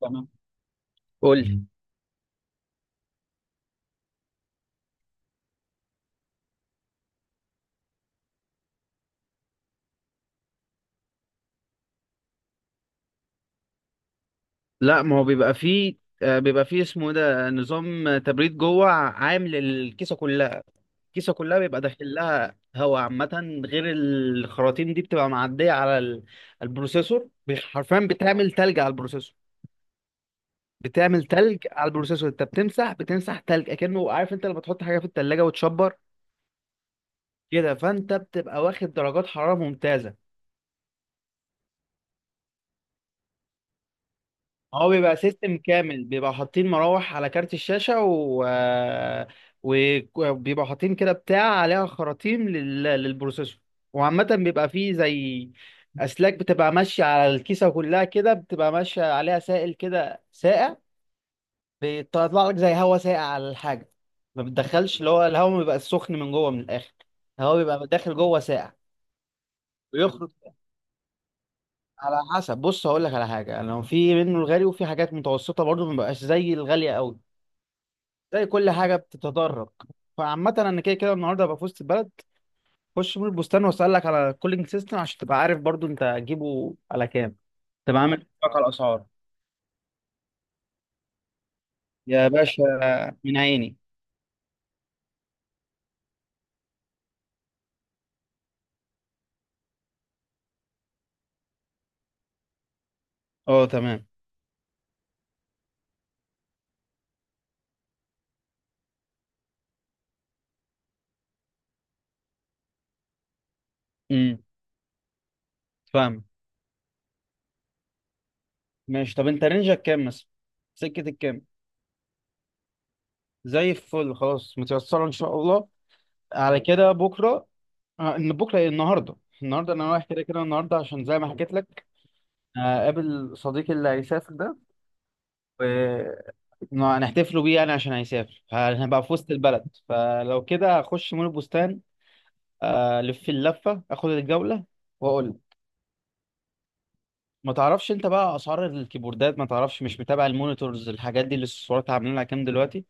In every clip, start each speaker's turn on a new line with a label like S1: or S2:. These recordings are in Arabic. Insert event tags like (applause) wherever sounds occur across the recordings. S1: تمام. قول لي. لا، ما هو بيبقى فيه. بيبقى فيه اسمه إيه ده، نظام تبريد جوه عام للكيسه كلها. الكيسه كلها بيبقى داخل لها هواء عامه غير الخراطيم دي، بتبقى معديه على البروسيسور. حرفيا بتعمل تلج على البروسيسور. بتعمل تلج على البروسيسور. انت بتمسح، تلج اكنه، عارف انت لما تحط حاجه في التلاجة وتشبر كده، فانت بتبقى واخد درجات حراره ممتازه. هو بيبقى سيستم كامل، بيبقى حاطين مراوح على كارت الشاشة وبيبقى حاطين كده بتاع عليها خراطيم للبروسيسور. وعامة بيبقى فيه زي أسلاك بتبقى ماشية على الكيسة كلها كده، بتبقى ماشية عليها سائل كده ساقع. بيطلع لك زي هوا ساقع على الحاجة. ما بتدخلش اللي هو الهوا، ما بيبقى سخن من جوه من الآخر. الهوا بيبقى داخل جوه ساقع ويخرج. على حسب. بص، هقول لك على حاجة، لو في منه الغالي وفي حاجات متوسطة برضه، ما بيبقاش زي الغالية قوي. زي كل حاجه بتتدرج. فعامة انا كده كده النهارده هبقى في وسط البلد، خش من البستان واسالك على الكولينج سيستم عشان تبقى عارف برضو انت هتجيبه على كام، تبقى عامل حسابك على الاسعار. يا باشا، من عيني. اه تمام. امم فاهم. ماشي، طب انت رينجك كام مثلا؟ سكه الكام؟ زي الفل، خلاص، متيسره ان شاء الله. على كده بكره. ان بكره إيه؟ النهارده. النهارده انا رايح كده كده، النهارده عشان زي ما حكيت لك، قابل صديقي اللي هيسافر ده. ما هنحتفلوا بيه يعني، عشان هيسافر، هنبقى في وسط البلد، فلو كده هخش مول البستان، الف اللفه، اخد الجوله واقول لك. ما تعرفش انت بقى اسعار الكيبوردات؟ ما تعرفش، مش متابع المونيتورز الحاجات دي اللي السعرات عاملين لها كام دلوقتي؟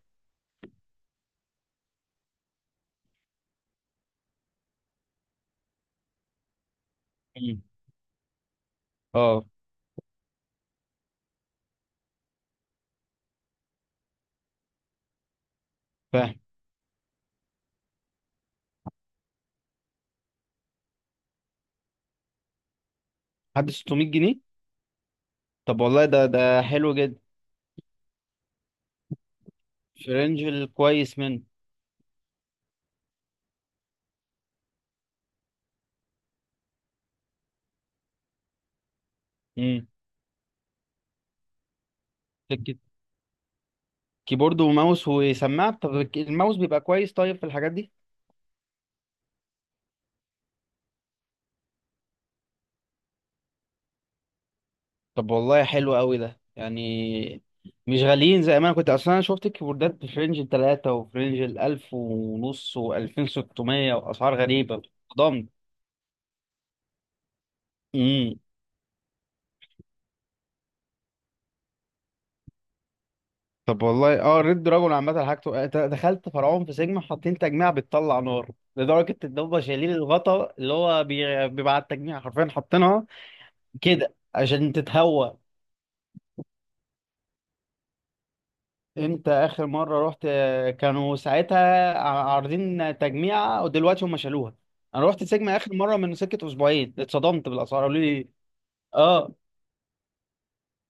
S1: مم. اه فاهم. حد 600 جنيه؟ طب والله ده ده حلو جدا. في رينج الكويس منه. امم. كيبورد وماوس وسماعه؟ طب الماوس بيبقى كويس طيب في الحاجات دي؟ طب والله حلو قوي ده يعني. مش غاليين زي ما انا كنت اصلا. انا شفت الكيبوردات في رينج التلاتة، وفي رينج الالف ونص والفين ستمية واسعار غريبة. ضم. امم. طب والله اه، ريد دراجون عامة حاجته دخلت فرعون في سيجما، حاطين تجميع بتطلع نار، لدرجة ان هم شايلين الغطا اللي هو بيبقى على التجميع، حرفيا حاطينها كده عشان تتهوى. انت اخر مره رحت، كانوا ساعتها عارضين تجميعه، ودلوقتي هم شالوها. انا رحت سيجما اخر مره من سكه اسبوعين، اتصدمت بالاسعار. قالوا لي، اه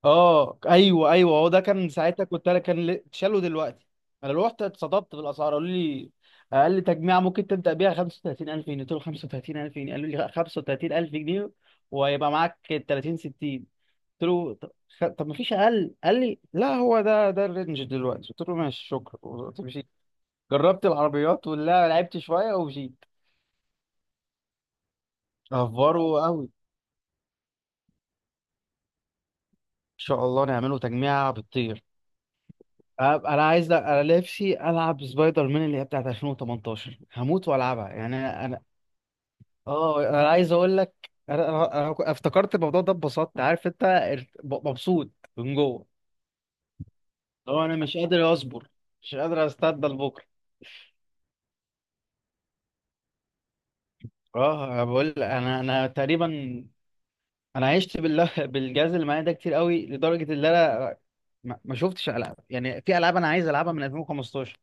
S1: اه ايوه ايوه، هو ده كان ساعتها كنت انا، كان شالوا دلوقتي. انا رحت اتصدمت بالاسعار. قالوا لي اقل تجميعه ممكن تبدا بيها 35000 جنيه. قلت له 35000 جنيه؟ قالوا لي 35000 جنيه وهيبقى معاك 30 60. قلت له طب، طب ما فيش اقل؟ قال لي لا، هو ده ده الرينج دلوقتي. قلت له ماشي شكرا. جربت العربيات ولا، لعبت شويه وجيت. افوره قوي ان شاء الله، نعمله تجميعه بتطير. انا عايز، انا نفسي العب سبايدر مان اللي هي بتاعت 2018، هموت والعبها يعني. انا اه، انا عايز اقول لك، انا انا أنا كو- افتكرت الموضوع ده اتبسطت، عارف انت، مبسوط من جوه. لو انا مش قادر اصبر، مش قادر استنى لبكره. اه انا بقول لك، انا تقريبا انا عشت بالله بالجهاز اللي معايا ده كتير قوي، لدرجه ان انا ما شفتش العاب، يعني في العاب انا عايز العبها من 2015.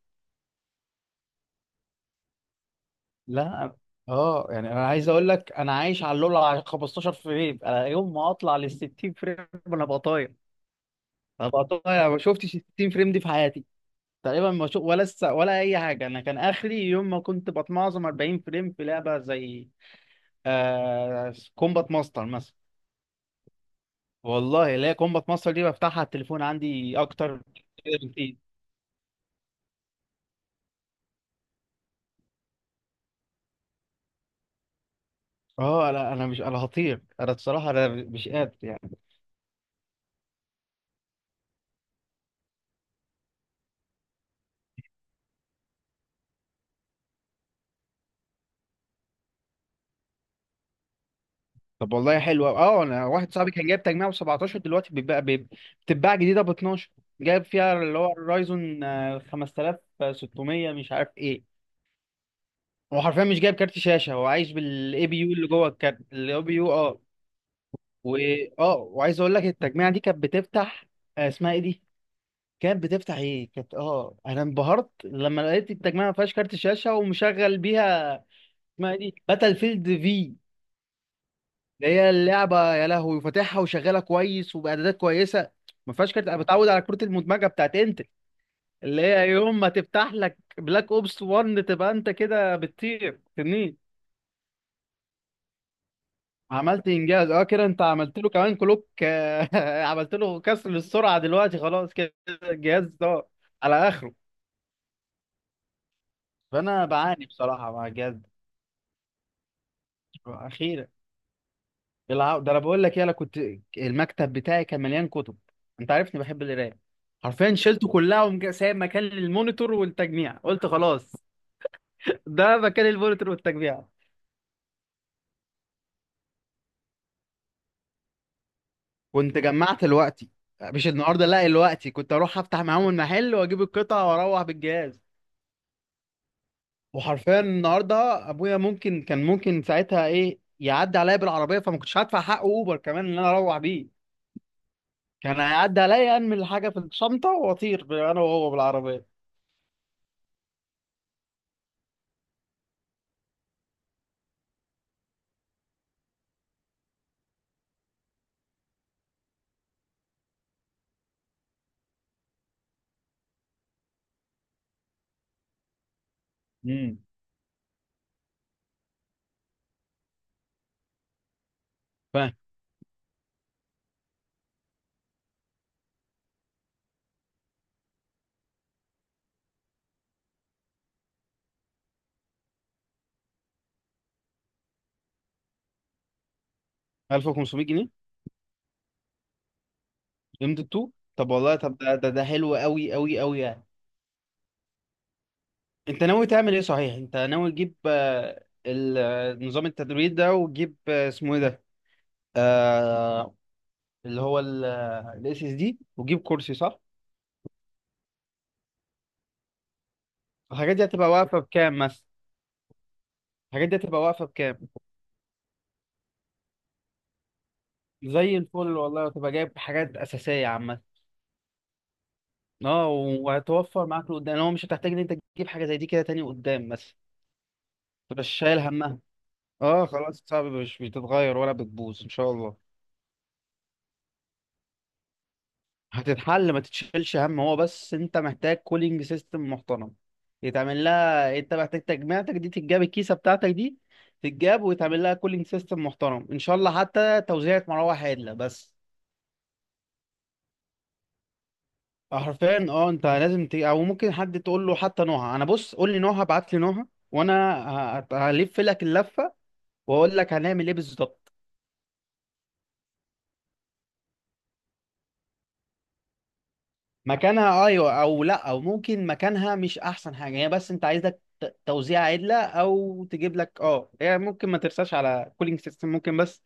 S1: لا. اه، يعني انا عايز اقول لك، انا عايش على اللول على 15 فريم. انا يوم ما اطلع لل 60 فريم انا بقى طاير. انا بقى طاير. ما شفتش ال 60 فريم دي في حياتي تقريبا. ما شو ولا ولا اي حاجه. انا كان اخري يوم ما كنت بتمعظم 40 فريم في لعبه زي كومبات ماستر مثلا. والله لا، كومبات ماستر دي بفتحها على التليفون عندي اكتر بكتير. اه لا انا مش، انا هطير انا بصراحه. انا مش قادر يعني. طب والله حلو أوي. اه، انا واحد صاحبي كان جايب تجميع ب 17، دلوقتي بيبقى بتتباع جديده ب 12. جايب فيها اللي هو الرايزون 5600 مش عارف ايه. هو حرفيا مش جايب كارت شاشه، هو عايش بالاي بي يو اللي جوه الكارت، الاي بي يو اه. و اه، وعايز اقول لك التجميع دي كانت بتفتح، اسمها ايه دي؟ كانت بتفتح ايه؟ كانت، اه انا انبهرت لما لقيت التجميع ما فيهاش كارت شاشه ومشغل بيها، اسمها ايه دي، باتل فيلد في. ده هي اللعبه، يا لهوي، فاتحها وشغاله كويس وباعدادات كويسه. ما فيهاش كارت. انا بتعود على كروت المدمجه بتاعت انت، اللي هي يوم ما تفتح لك بلاك اوبس 1 تبقى انت كده بتطير تنين. عملت انجاز. اه كده انت عملت له كمان كلوك، (laughs) عملت له كسر للسرعه دلوقتي. خلاص كده الجهاز ده على اخره. فانا بعاني بصراحه مع الجهاز ده. اخيرا. ده انا بقول لك ايه، انا كنت المكتب بتاعي كان مليان كتب. انت عارفني بحب القرايه. حرفيا شلته كلها، سايب مكان للمونيتور والتجميع. قلت خلاص، ده مكان المونيتور والتجميع. كنت جمعت الوقتي، مش النهارده، لا الوقتي. كنت اروح افتح معاهم المحل واجيب القطع واروح بالجهاز. وحرفيا النهارده ابويا ممكن كان، ممكن ساعتها ايه، يعدي عليا بالعربيه، فما كنتش هدفع حق اوبر كمان ان انا اروح بيه. كان هيعدي عليا، انمي الحاجه في الشنطه واطير انا وهو بالعربيه. امم. 1500 جنيه؟ ليميتد 2؟ طب والله، طب ده ده، ده حلو قوي قوي قوي يعني. انت ناوي تعمل ايه صحيح؟ انت ناوي تجيب نظام التدريب ده، وتجيب اسمه ايه ده، آه، اللي هو الاس اس دي، وتجيب كرسي، صح؟ الحاجات دي هتبقى واقفه بكام مثلا؟ الحاجات دي هتبقى واقفه بكام؟ زي الفل والله، وتبقى جايب حاجات اساسيه عامه. اه وهتوفر معاك لقدام، لو مش هتحتاج ان انت تجيب حاجه زي دي كده تاني قدام مثلا، متبقاش شايل همها. اه خلاص، صعب مش بتتغير ولا بتبوظ ان شاء الله. هتتحل، ما تتشيلش هم، هو بس انت محتاج كولينج سيستم محترم يتعمل لها. انت محتاج تجميعتك دي تتجاب، الكيسه بتاعتك دي تتجاب، ويتعمل لها كولينج سيستم محترم ان شاء الله، حتى توزيعة مروحه عادله بس. حرفيا اه، انت لازم او ممكن حد تقول له حتى نوعها. انا بص، قول لي نوعها، ابعت لي نوعها، وانا هلف لك اللفه واقول لك هنعمل ايه بالظبط. مكانها ايوه، او لا، او ممكن مكانها مش احسن حاجه هي، بس انت عايزك توزيع عدله، او تجيب لك اه. هي ممكن ما ترساش على كولينج سيستم، ممكن بس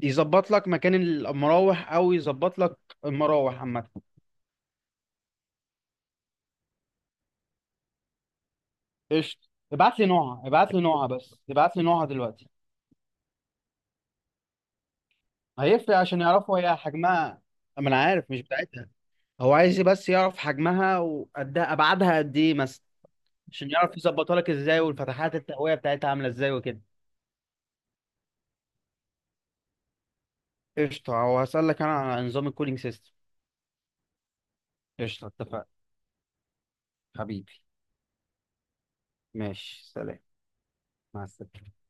S1: يظبط لك مكان المراوح، او يظبط لك المراوح عامه. قشطه. ابعت لي نوعها، ابعت لي نوعها، بس ابعت لي نوعها دلوقتي. هيفرق عشان يعرفوا هي حجمها. ما انا عارف مش بتاعتها. هو عايز بس يعرف حجمها وقدها، ابعادها قد ايه مثلا، عشان يعرف يظبطها لك ازاي، والفتحات التهويه بتاعتها عامله ازاي وكده. قشطة. وهسألك أنا عن نظام الكولينج سيستم. قشطة اتفقنا. حبيبي. ماشي سلام. مع السلامة.